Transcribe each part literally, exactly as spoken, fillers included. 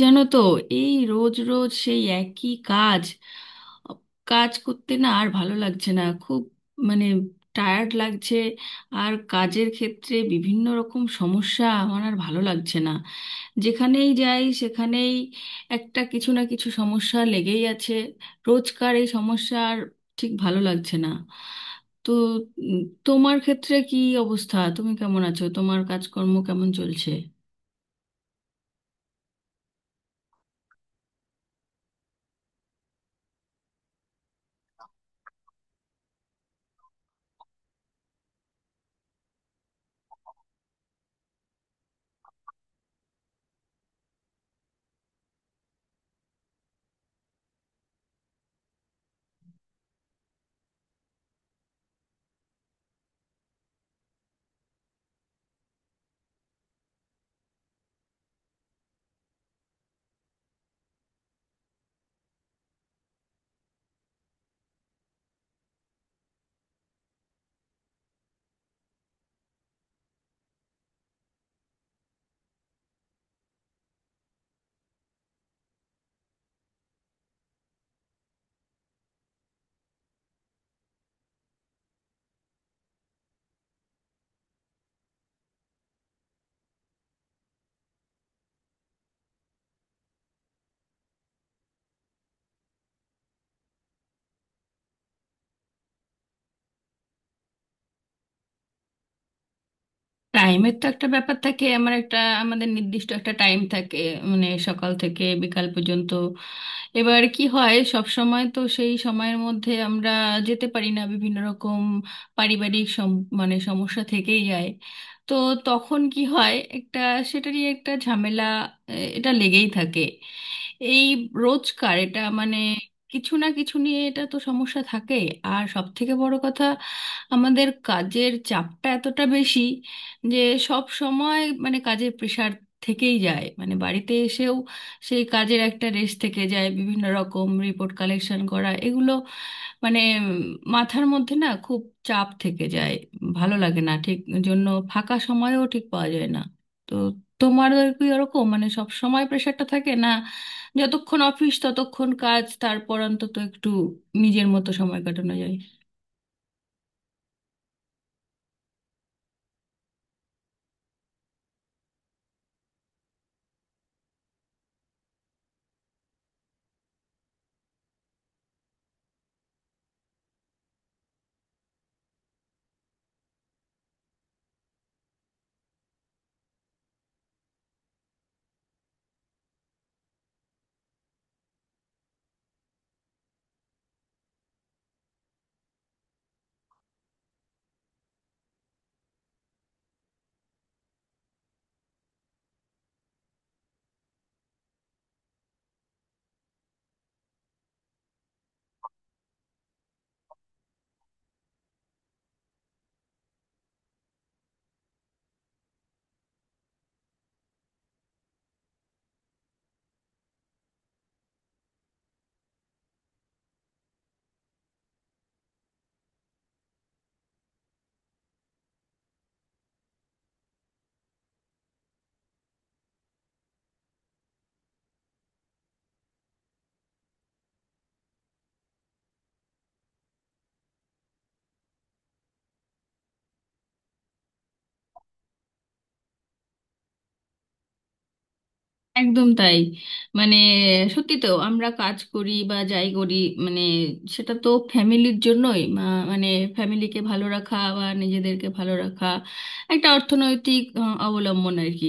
জানো তো, এই রোজ রোজ সেই একই কাজ কাজ করতে না আর ভালো লাগছে না খুব, মানে টায়ার্ড লাগছে। আর কাজের ক্ষেত্রে বিভিন্ন রকম সমস্যা, আমার আর ভালো লাগছে না। যেখানেই যাই সেখানেই একটা কিছু না কিছু সমস্যা লেগেই আছে, রোজকার এই সমস্যা আর ঠিক ভালো লাগছে না। তো উম, তোমার ক্ষেত্রে কি অবস্থা, তুমি কেমন আছো, তোমার কাজকর্ম কেমন চলছে? টাইমের তো একটা ব্যাপার থাকে, আমার একটা আমাদের নির্দিষ্ট একটা টাইম থাকে, মানে সকাল থেকে বিকাল পর্যন্ত। এবার কি হয়, সব সময় তো সেই সময়ের মধ্যে আমরা যেতে পারি না, বিভিন্ন রকম পারিবারিক সম- মানে সমস্যা থেকেই যায়। তো তখন কি হয়, একটা সেটারই একটা ঝামেলা, আহ, এটা লেগেই থাকে। এই রোজকার এটা, মানে কিছু না কিছু নিয়ে এটা তো সমস্যা থাকে। আর সব থেকে বড় কথা, আমাদের কাজের চাপটা এতটা বেশি যে সব সময় মানে কাজের প্রেশার থেকেই যায়, মানে বাড়িতে এসেও সেই কাজের একটা রেশ থেকে যায়, বিভিন্ন রকম রিপোর্ট কালেকশন করা এগুলো, মানে উম, মাথার মধ্যে না খুব চাপ থেকে যায়। ভালো লাগে না ঠিক, জন্য ফাঁকা সময়ও ঠিক পাওয়া যায় না। তো তোমার কি ওরকম মানে সব সময় প্রেশারটা থাকে না? যতক্ষণ অফিস ততক্ষণ কাজ, তারপর অন্তত একটু নিজের মতো সময় কাটানো যায়? একদম তাই, মানে সত্যি তো আমরা কাজ করি বা যাই করি, মানে সেটা তো ফ্যামিলির জন্যই, মা- মানে ফ্যামিলিকে ভালো রাখা বা নিজেদেরকে ভালো রাখা, একটা অর্থনৈতিক আহ, অবলম্বন আর কি।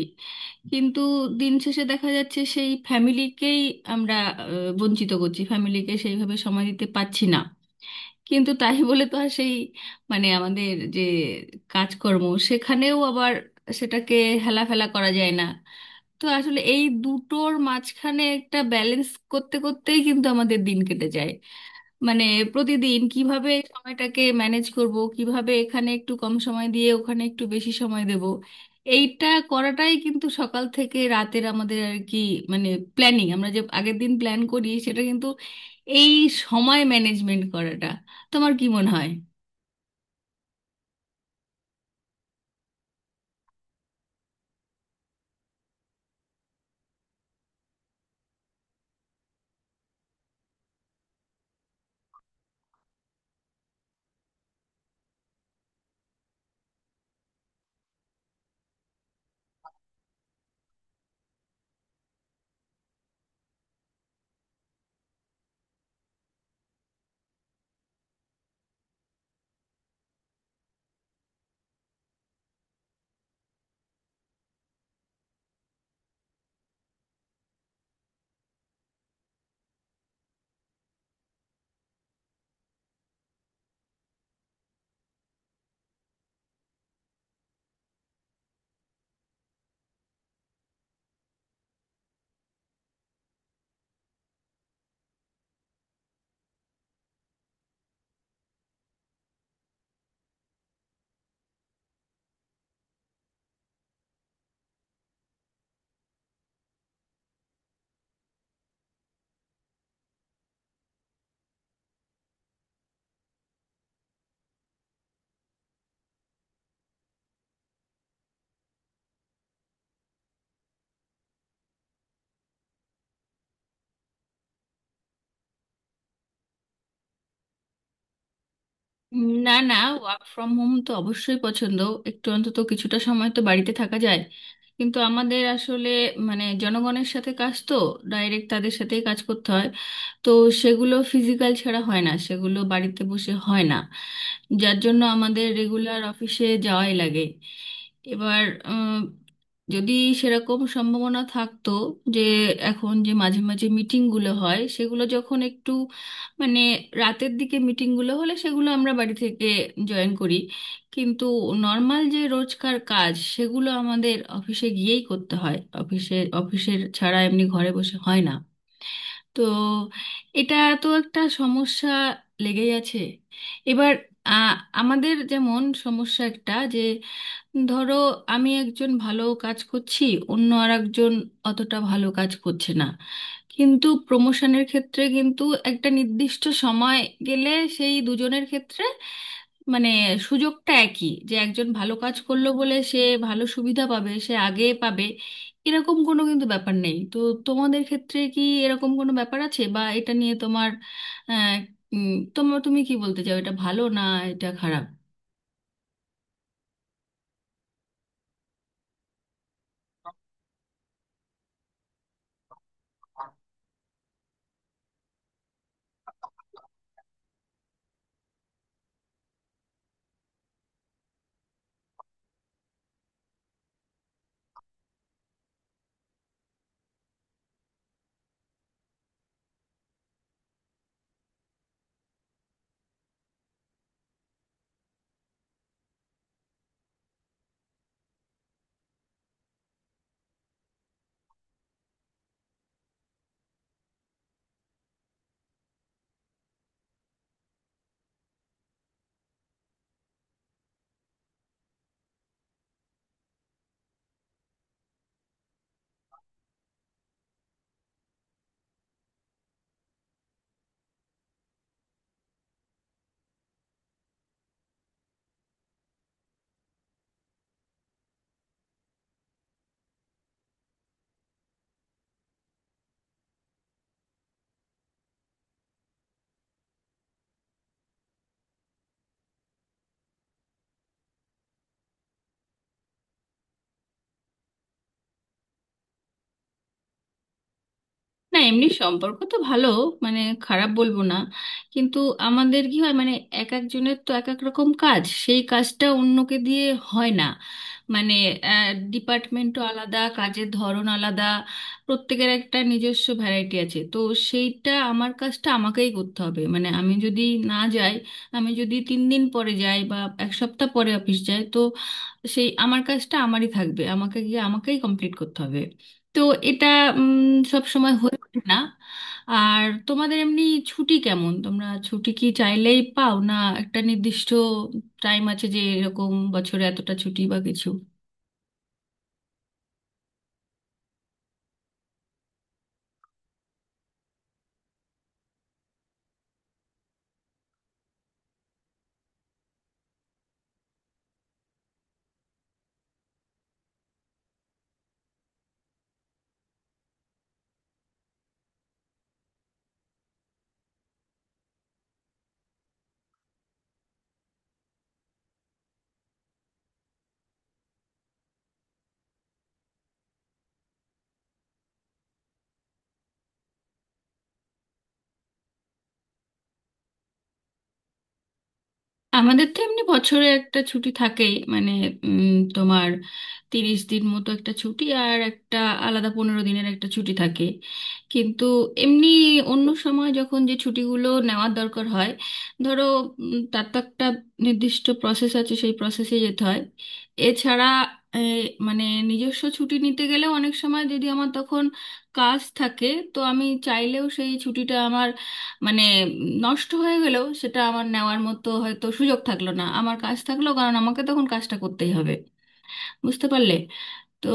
কিন্তু দিন শেষে দেখা যাচ্ছে সেই ফ্যামিলিকেই আমরা আহ, বঞ্চিত করছি, ফ্যামিলিকে সেইভাবে সময় দিতে পারছি না। কিন্তু তাই বলে তো আর সেই মানে আমাদের যে কাজকর্ম, সেখানেও আবার সেটাকে হেলাফেলা করা যায় না। তো আসলে এই দুটোর মাঝখানে একটা ব্যালেন্স করতে করতেই কিন্তু আমাদের দিন কেটে যায়। মানে প্রতিদিন কিভাবে সময়টাকে ম্যানেজ করব, কিভাবে এখানে একটু কম সময় দিয়ে ওখানে একটু বেশি সময় দেব, এইটা করাটাই কিন্তু সকাল থেকে রাতের আমাদের আর কি, মানে প্ল্যানিং। আমরা যে আগের দিন প্ল্যান করি সেটা কিন্তু এই সময় ম্যানেজমেন্ট করাটা, তোমার কি মনে হয়? উম, না না, ওয়ার্ক ফ্রম হোম তো অবশ্যই পছন্দ, একটু অন্তত কিছুটা সময় তো বাড়িতে থাকা যায়। কিন্তু আমাদের আসলে মানে জনগণের সাথে কাজ তো, ডাইরেক্ট তাদের সাথেই কাজ করতে হয়। তো সেগুলো ফিজিক্যাল ছাড়া হয় না, সেগুলো বাড়িতে বসে হয় না, যার জন্য আমাদের রেগুলার অফিসে যাওয়াই লাগে। এবার উম, যদি সেরকম সম্ভাবনা থাকতো যে এখন যে মাঝে মাঝে মিটিংগুলো হয় সেগুলো যখন একটু মানে রাতের দিকে মিটিংগুলো হলে সেগুলো আমরা বাড়ি থেকে জয়েন করি, কিন্তু নর্মাল যে রোজকার কাজ সেগুলো আমাদের অফিসে গিয়েই করতে হয়। অফিসে, অফিসের ছাড়া এমনি ঘরে বসে হয় না। তো এটা তো একটা সমস্যা লেগেই আছে। এবার আ, আমাদের যেমন সমস্যা একটা যে ধরো আমি একজন ভালো কাজ করছি, অন্য আর একজন অতটা ভালো কাজ করছে না, কিন্তু প্রমোশনের ক্ষেত্রে কিন্তু একটা নির্দিষ্ট সময় গেলে সেই দুজনের ক্ষেত্রে মানে সুযোগটা একই, যে একজন ভালো কাজ করলো বলে সে ভালো সুবিধা পাবে, সে আগে পাবে, এরকম কোনো কিন্তু ব্যাপার নেই তো। তোমাদের ক্ষেত্রে কি এরকম কোনো ব্যাপার আছে, বা এটা নিয়ে তোমার আহ, উম, তোমার তুমি কি বলতে চাও, এটা ভালো না এটা খারাপ? না, এমনি সম্পর্ক তো ভালো, মানে খারাপ বলবো না। কিন্তু আমাদের কি হয় মানে এক একজনের তো এক এক রকম কাজ, সেই কাজটা অন্যকে দিয়ে হয় না, মানে ডিপার্টমেন্টও আলাদা, কাজের ধরন আলাদা। প্রত্যেকের একটা নিজস্ব ভ্যারাইটি আছে তো, সেইটা আমার কাজটা আমাকেই করতে হবে। মানে আমি যদি না যাই, আমি যদি তিন দিন পরে যাই বা এক সপ্তাহ পরে অফিস যাই, তো তো সেই আমার কাজটা আমারই থাকবে, আমাকে গিয়ে আমাকেই কমপ্লিট করতে হবে। তো এটা সব সময় হয়ে ওঠে না। আর তোমাদের এমনি ছুটি কেমন, তোমরা ছুটি কি চাইলেই পাও না? একটা নির্দিষ্ট টাইম আছে যে এরকম বছরে এতটা ছুটি বা কিছু? আমাদের তো এমনি বছরে একটা ছুটি থাকেই, মানে উম, তোমার তিরিশ দিন মতো একটা ছুটি, আর একটা আলাদা পনেরো দিনের একটা ছুটি থাকে। কিন্তু এমনি অন্য সময় যখন যে ছুটিগুলো নেওয়ার দরকার হয় ধরো, উম, তার তো একটা নির্দিষ্ট প্রসেস আছে, সেই প্রসেসে যেতে হয়। এছাড়া এ, মানে নিজস্ব ছুটি নিতে গেলে অনেক সময় যদি আমার তখন কাজ থাকে, তো আমি চাইলেও সেই ছুটিটা আমার মানে নষ্ট হয়ে গেলেও সেটা আমার নেওয়ার মতো হয়তো সুযোগ থাকলো না, আমার কাজ থাকলো, কারণ আমাকে তখন কাজটা করতেই হবে, বুঝতে পারলে? তো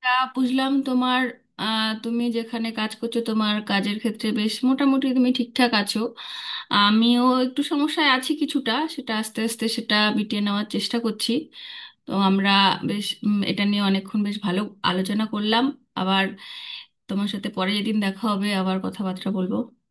তা, বুঝলাম তোমার আহ, তুমি যেখানে কাজ করছো তোমার কাজের ক্ষেত্রে বেশ মোটামুটি তুমি ঠিকঠাক আছো। আমিও একটু সমস্যায় আছি কিছুটা, সেটা আস্তে আস্তে সেটা মিটিয়ে নেওয়ার চেষ্টা করছি। তো আমরা বেশ উম, এটা নিয়ে অনেকক্ষণ বেশ ভালো আলোচনা করলাম। আবার তোমার সাথে পরে যেদিন দেখা হবে আবার কথাবার্তা বলবো।